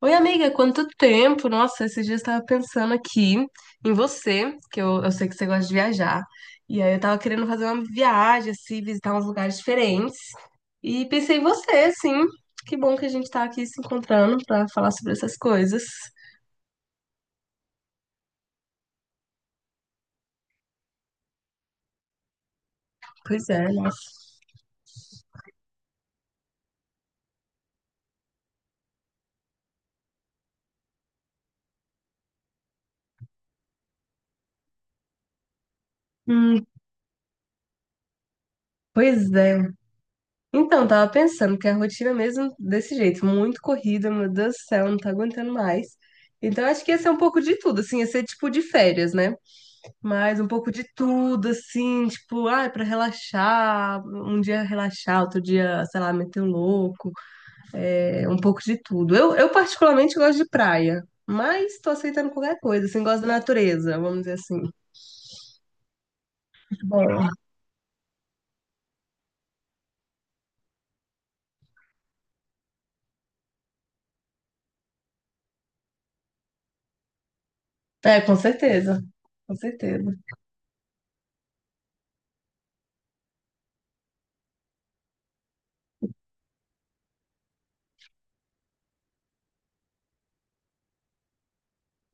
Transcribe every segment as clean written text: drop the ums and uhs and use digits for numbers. Oi, amiga, quanto tempo? Nossa, esses dias eu estava pensando aqui em você, que eu sei que você gosta de viajar. E aí eu tava querendo fazer uma viagem, assim, visitar uns lugares diferentes. E pensei em você, sim. Que bom que a gente tá aqui se encontrando para falar sobre essas coisas. Pois é, nossa. Hum, pois é. Então, tava pensando que a rotina é mesmo desse jeito, muito corrida, meu Deus do céu, não tá aguentando mais. Então, acho que ia ser um pouco de tudo, assim, ia ser tipo de férias, né? Mas um pouco de tudo, assim, tipo, ai, pra relaxar, um dia relaxar, outro dia, sei lá, meter o louco, é, um pouco de tudo. Eu particularmente gosto de praia, mas tô aceitando qualquer coisa, assim, gosto da natureza, vamos dizer assim. Bom, é, com certeza, com certeza.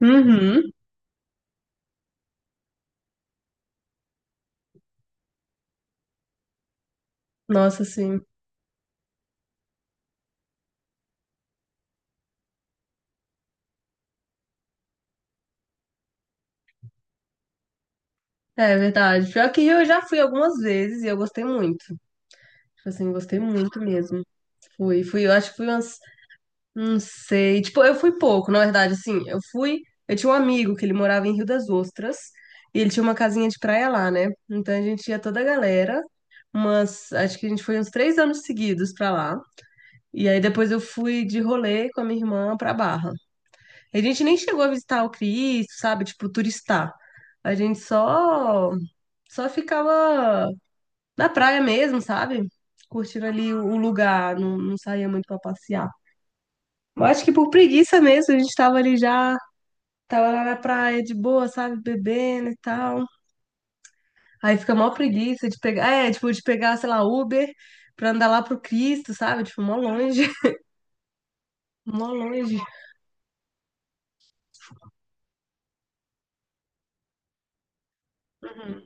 Uhum, nossa, sim, é verdade. Pior que eu já fui algumas vezes e eu gostei muito, tipo assim, gostei muito mesmo. Fui, fui, eu acho que fui umas. Não sei. Tipo, eu fui pouco, na verdade, assim, eu fui. Eu tinha um amigo que ele morava em Rio das Ostras e ele tinha uma casinha de praia lá, né? Então a gente ia toda a galera, mas acho que a gente foi uns 3 anos seguidos pra lá. E aí depois eu fui de rolê com a minha irmã pra Barra. A gente nem chegou a visitar o Cristo, sabe? Tipo, turistar. A gente só ficava na praia mesmo, sabe? Curtindo ali o lugar, não, não saía muito pra passear. Eu acho que por preguiça mesmo, a gente tava ali já, tava lá na praia de boa, sabe, bebendo e tal. Aí fica mó preguiça de pegar, é, tipo, de pegar, sei lá, Uber pra andar lá pro Cristo, sabe? Tipo, mó longe, mó longe. Uhum.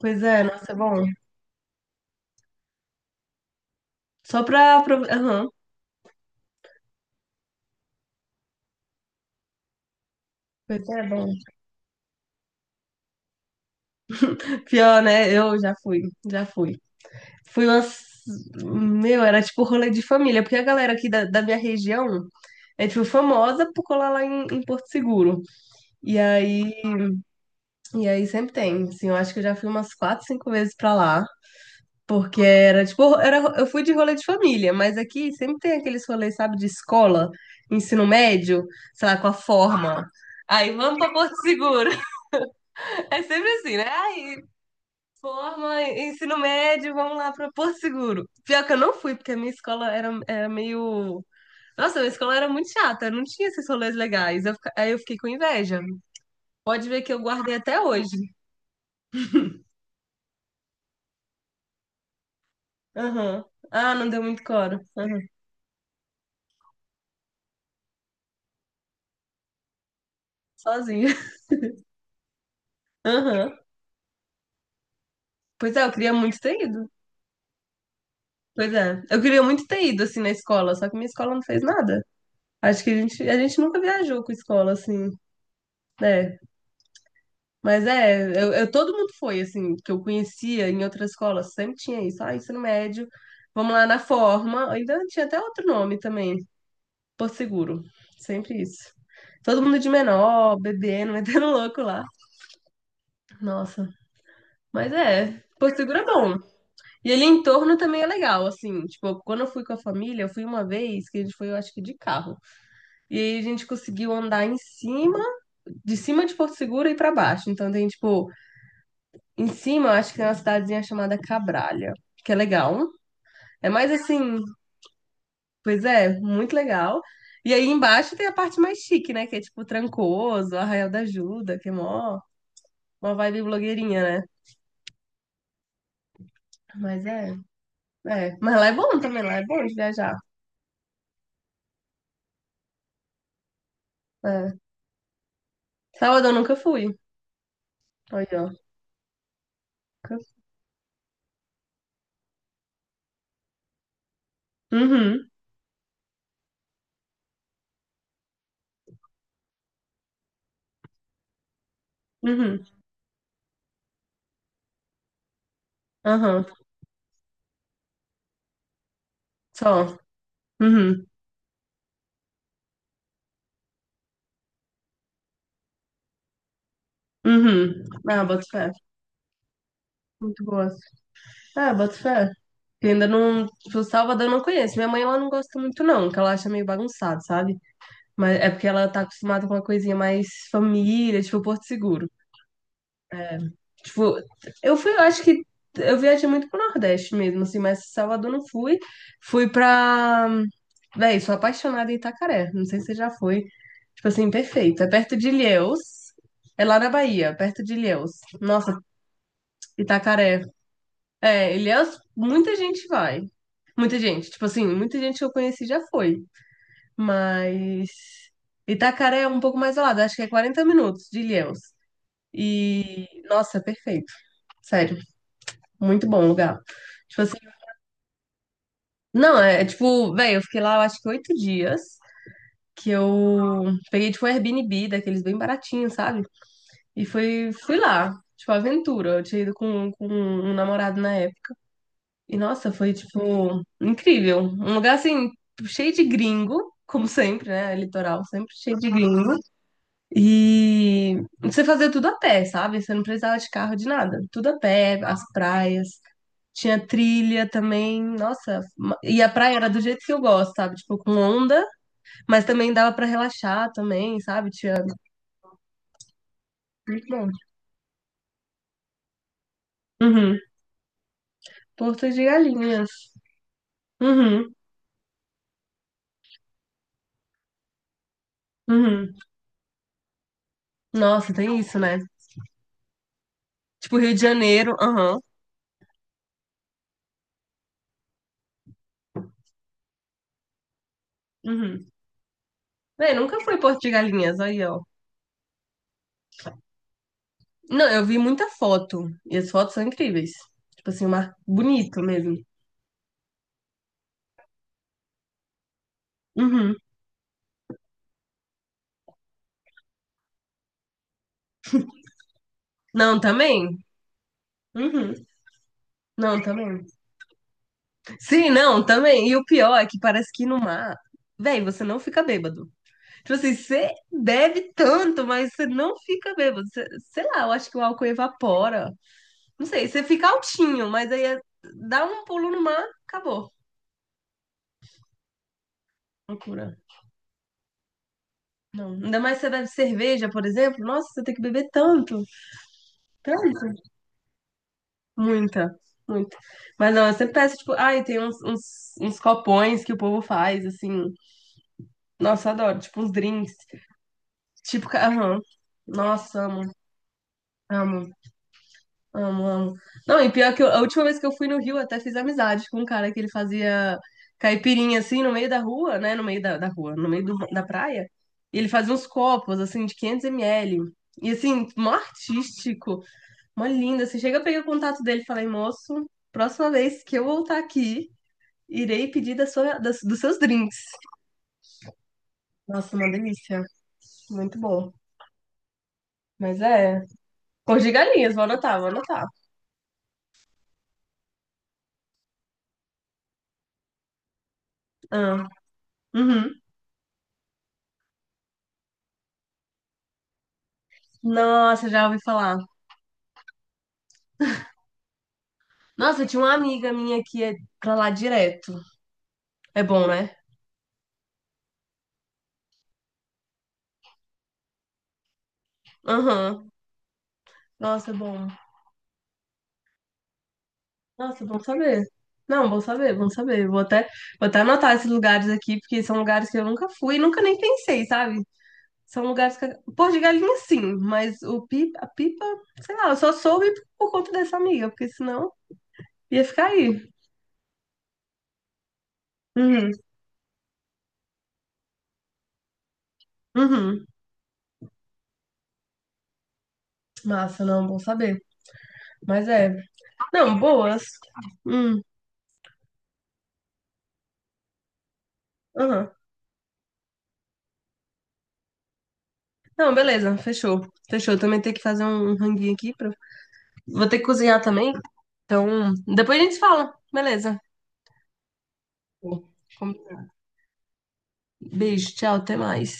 Pois é, nossa, é bom. Só pra... pra... Aham. Pois é, é bom. Pior, né? Eu já fui, já fui. Fui umas... Meu, era tipo rolê de família, porque a galera aqui da minha região é, tipo, famosa por colar lá em Porto Seguro. E aí E aí sempre tem, assim, eu acho que eu já fui umas 4, 5 vezes pra lá, porque era tipo, era, eu fui de rolê de família, mas aqui sempre tem aqueles rolês, sabe, de escola, ensino médio, sei lá, com a forma. Aí vamos pra Porto Seguro. É sempre assim, né? Aí, forma, ensino médio, vamos lá pra Porto Seguro. Pior que eu não fui, porque a minha escola era, era meio. Nossa, a minha escola era muito chata, não tinha esses rolês legais. Aí eu fiquei com inveja. Pode ver que eu guardei até hoje. Aham. Ah, não deu muito coro. Sozinha. Aham. Pois é, eu queria muito ter ido. Pois é. Eu queria muito ter ido, assim, na escola, só que minha escola não fez nada. Acho que a gente nunca viajou com escola, assim, né? Mas é, todo mundo foi, assim, que eu conhecia em outras escolas, sempre tinha isso. Ah, ensino médio, vamos lá na forma. Ainda tinha até outro nome também, Porto Seguro. Sempre isso. Todo mundo de menor, bebendo, metendo louco lá. Nossa. Mas é, Porto Seguro é bom. E ali em torno também é legal, assim, tipo, quando eu fui com a família, eu fui uma vez, que a gente foi, eu acho que de carro. E aí a gente conseguiu andar em cima de Porto Seguro e pra baixo. Então tem, tipo, em cima, eu acho que tem uma cidadezinha chamada Cabralha, que é legal. É mais assim, pois é, muito legal. E aí embaixo tem a parte mais chique, né, que é tipo Trancoso, Arraial da Ajuda, que é mó, uma vibe blogueirinha, né? Mas é, é. Mas lá é bom também, lá é bom de viajar. É. Salvador eu nunca fui. Olha, ó. Uhum, uhum, aham, só. Uhum, uhum. Ah, boto fé. Muito boa. Ah, boto fé. Eu ainda não. Tipo, Salvador eu não conheço. Minha mãe, ela não gosta muito, não, que ela acha meio bagunçado, sabe? Mas é porque ela tá acostumada com uma coisinha mais família, tipo Porto Seguro. É, tipo, eu fui, eu acho que eu viajei muito pro Nordeste mesmo, assim, mas Salvador não fui. Fui pra. Véi, sou apaixonada em Itacaré. Não sei se você já foi. Tipo assim, perfeito. É perto de Ilhéus. É lá na Bahia, perto de Ilhéus. Nossa, Itacaré. É, Ilhéus, muita gente vai. Muita gente. Tipo assim, muita gente que eu conheci já foi. Mas. Itacaré é um pouco mais ao lado, acho que é 40 minutos de Ilhéus. E. Nossa, é perfeito. Sério. Muito bom lugar. Tipo assim, não, é, é tipo, velho, eu fiquei lá, eu acho que 8 dias, que eu peguei, tipo, um Airbnb, daqueles bem baratinhos, sabe? E fui, fui lá, tipo, aventura. Eu tinha ido com um namorado na época. E, nossa, foi, tipo, incrível. Um lugar, assim, cheio de gringo, como sempre, né? É Litoral, sempre cheio de gringo. E você fazia tudo a pé, sabe? Você não precisava de carro, de nada. Tudo a pé, as praias. Tinha trilha também, nossa. E a praia era do jeito que eu gosto, sabe? Tipo, com onda, mas também dava pra relaxar também, sabe? Tinha. Muito bom. Uhum. Porto de Galinhas. Uhum. Uhum. Nossa, tem isso, né? Tipo, Rio de Janeiro. Aham. Uhum. Véi, nunca fui em Porto de Galinhas, aí, ó. Não, eu vi muita foto. E as fotos são incríveis. Tipo assim, um mar bonito mesmo. Uhum. Não, também? Uhum. Não, também. Sim, não, também. E o pior é que parece que no mar, véi, você não fica bêbado. Tipo assim, você bebe tanto, mas você não fica bêbado. Sei lá, eu acho que o álcool evapora. Não sei, você fica altinho, mas aí dá um pulo no mar, acabou. Loucura. Não. Ainda mais se você bebe cerveja, por exemplo. Nossa, você tem que beber tanto. Tanto. Muita, muita. Mas não, eu sempre peço, tipo, ai, tem uns copões que o povo faz, assim. Nossa, eu adoro. Tipo, uns drinks. Tipo, ca- aham. Nossa, amo, amo, amo, amo. Não, e pior que a última vez que eu fui no Rio, eu até fiz amizade com um cara que ele fazia caipirinha assim no meio da rua, né? No meio da, da rua, no meio da praia. E ele fazia uns copos assim de 500 ml. E assim, mó artístico, mó lindo. Assim, chega, eu peguei o contato dele e falei, moço, próxima vez que eu voltar aqui, irei pedir da sua, dos seus drinks. Nossa, uma delícia. Muito bom. Mas é. Cor de galinhas, vou anotar, vou anotar. Ah, uhum. Nossa, já ouvi falar. Nossa, tinha uma amiga minha que é pra lá direto. É bom, né? Aham. Nossa, é bom. Nossa, bom saber. Não, bom saber, bom saber. Vou até anotar esses lugares aqui, porque são lugares que eu nunca fui, e nunca nem pensei, sabe? São lugares que. Pô, de galinha sim, mas o pipa, a pipa, sei lá, eu só soube por conta dessa amiga, porque senão ia ficar aí. Uhum, uhum. Massa, não, bom saber. Mas é. Não, boas. Hum, aham. Não, beleza, fechou. Fechou. Também tem que fazer um ranguinho aqui. Pra... Vou ter que cozinhar também. Então, depois a gente se fala. Beleza. Com- Beijo, tchau, até mais.